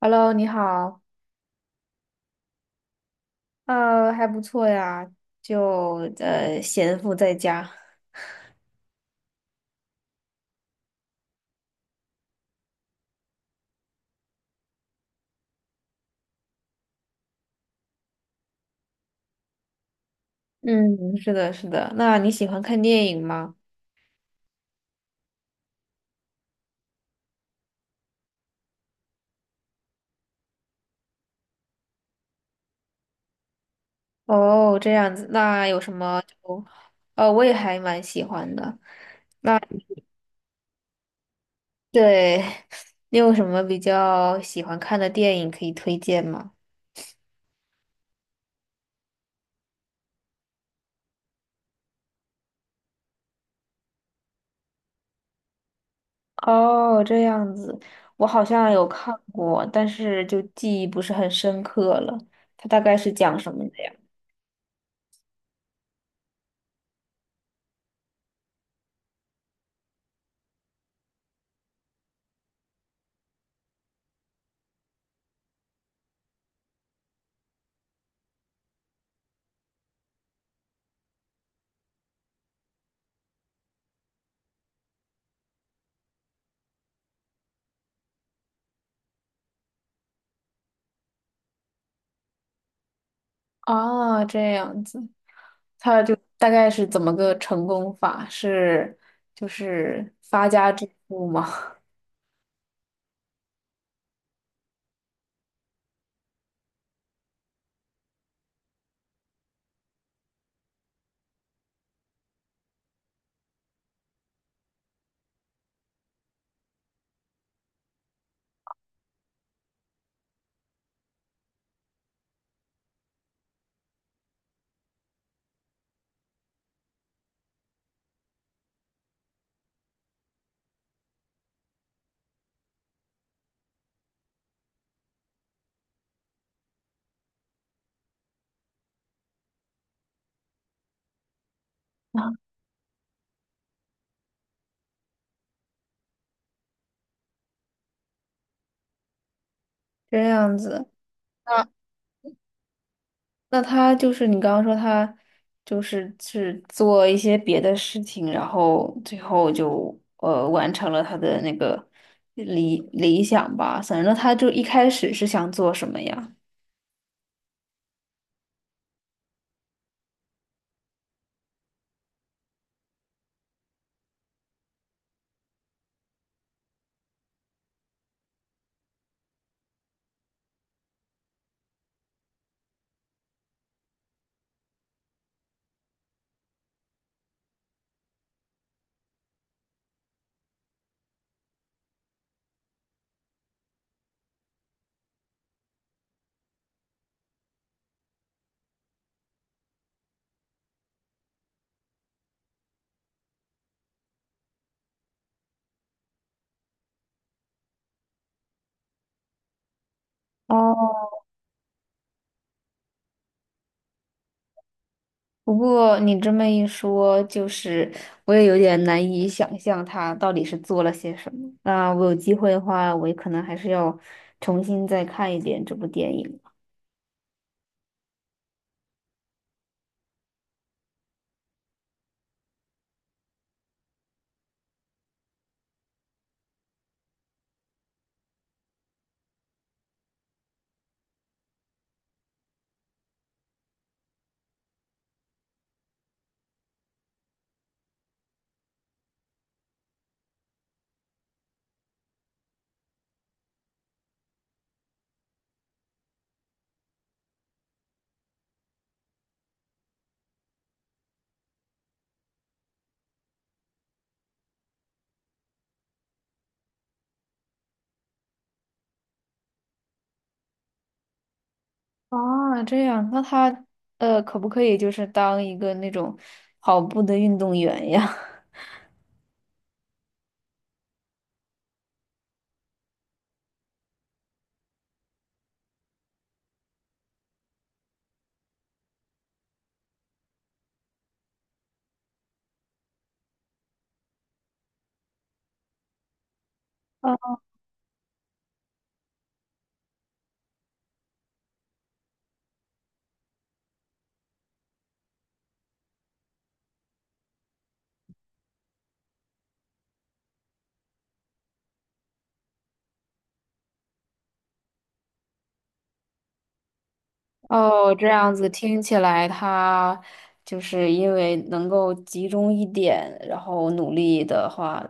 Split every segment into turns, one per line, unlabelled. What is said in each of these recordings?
Hello，你好，还不错呀，就闲赋在家。嗯，是的，是的。那你喜欢看电影吗？哦，这样子，那有什么就，我也还蛮喜欢的。对，你有什么比较喜欢看的电影可以推荐吗？哦，这样子，我好像有看过，但是就记忆不是很深刻了。它大概是讲什么的呀？哦，这样子。他就大概是怎么个成功法？是就是发家致富吗？这样子，那那他就是你刚刚说他就是做一些别的事情，然后最后就完成了他的那个理想吧。反正他就一开始是想做什么呀？哦，不过你这么一说，就是我也有点难以想象他到底是做了些什么。那我有机会的话，我也可能还是要重新再看一遍这部电影。啊，这样，那他可不可以就是当一个那种跑步的运动员呀？呃 哦，哦这样子听起来，他就是因为能够集中一点，然后努力的话，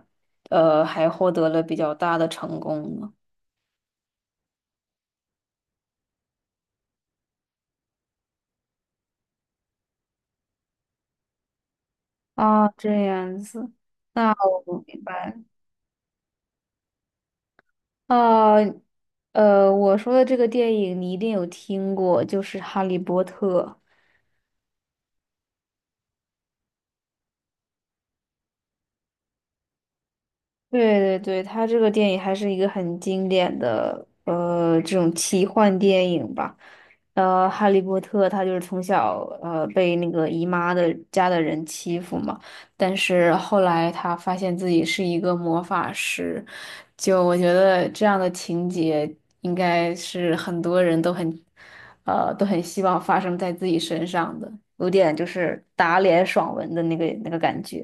还获得了比较大的成功呢。哦，这样子，那我明白了。哦，我说的这个电影你一定有听过，就是《哈利波特》。对对对，他这个电影还是一个很经典的这种奇幻电影吧。呃，哈利波特他就是从小被那个姨妈的家的人欺负嘛，但是后来他发现自己是一个魔法师，就我觉得这样的情节应该是很多人都很都很希望发生在自己身上的，有点就是打脸爽文的那个那个感觉。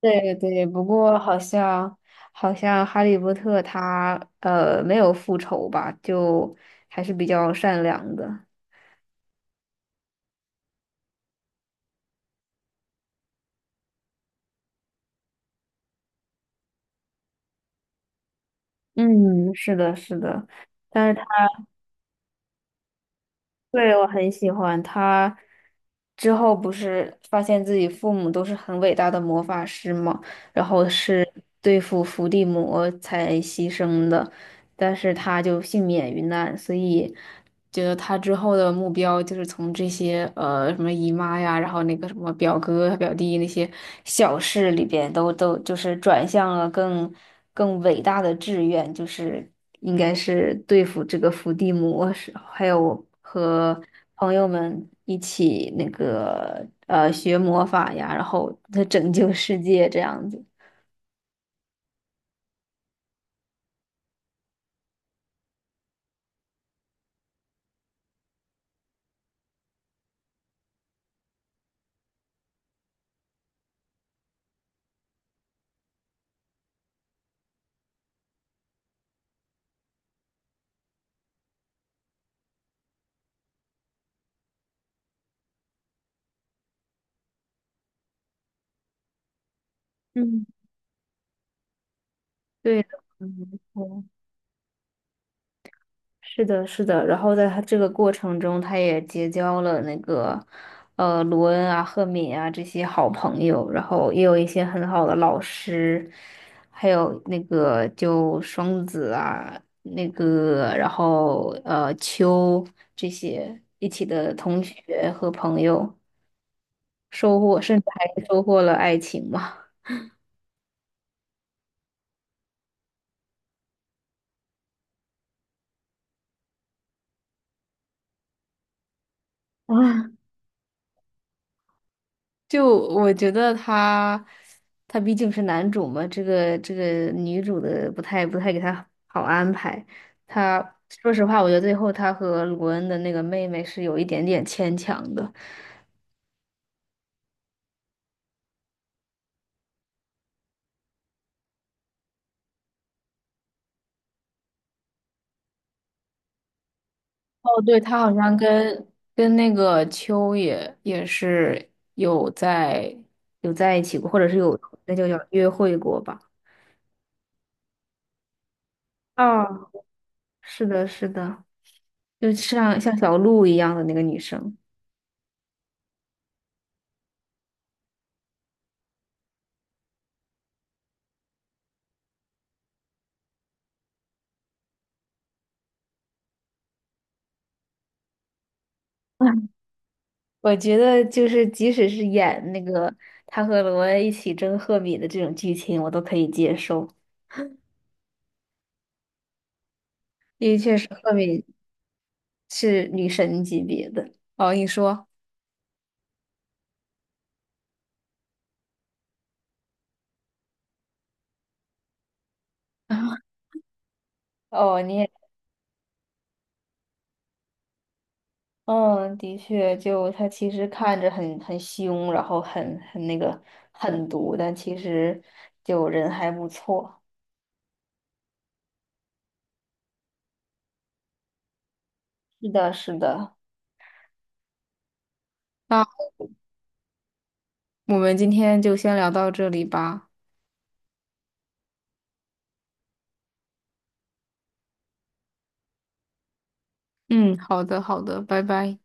对对，不过好像好像哈利波特他没有复仇吧，就还是比较善良的。嗯，是的，是的，但是他对我很喜欢他。之后不是发现自己父母都是很伟大的魔法师嘛，然后是对付伏地魔才牺牲的，但是他就幸免于难，所以觉得他之后的目标就是从这些什么姨妈呀，然后那个什么表哥啊表弟那些小事里边都就是转向了更伟大的志愿，就是应该是对付这个伏地魔时，还有和朋友们一起那个学魔法呀，然后他拯救世界这样子。嗯，对的，嗯没错是的，是的。然后在他这个过程中，他也结交了那个，呃，罗恩啊、赫敏啊这些好朋友，然后也有一些很好的老师，还有那个就双子啊，那个然后秋这些一起的同学和朋友，收获甚至还收获了爱情嘛。啊。就我觉得他，他毕竟是男主嘛，这个这个女主的不太给他好安排。他说实话，我觉得最后他和鲁恩的那个妹妹是有一点点牵强的。哦，对，他好像跟跟那个秋也也是有在有在一起过，或者是有那就叫约会过吧。哦，是的，是的，就像像小鹿一样的那个女生。我觉得就是，即使是演那个他和罗恩一起争赫敏的这种剧情，我都可以接受，因为确实赫敏是女神级别的。哦，你说，哦，你也，嗯，的确，就他其实看着很凶，然后很那个狠毒，但其实就人还不错。是的，是的，那我们今天就先聊到这里吧。嗯，好的，好的，拜拜。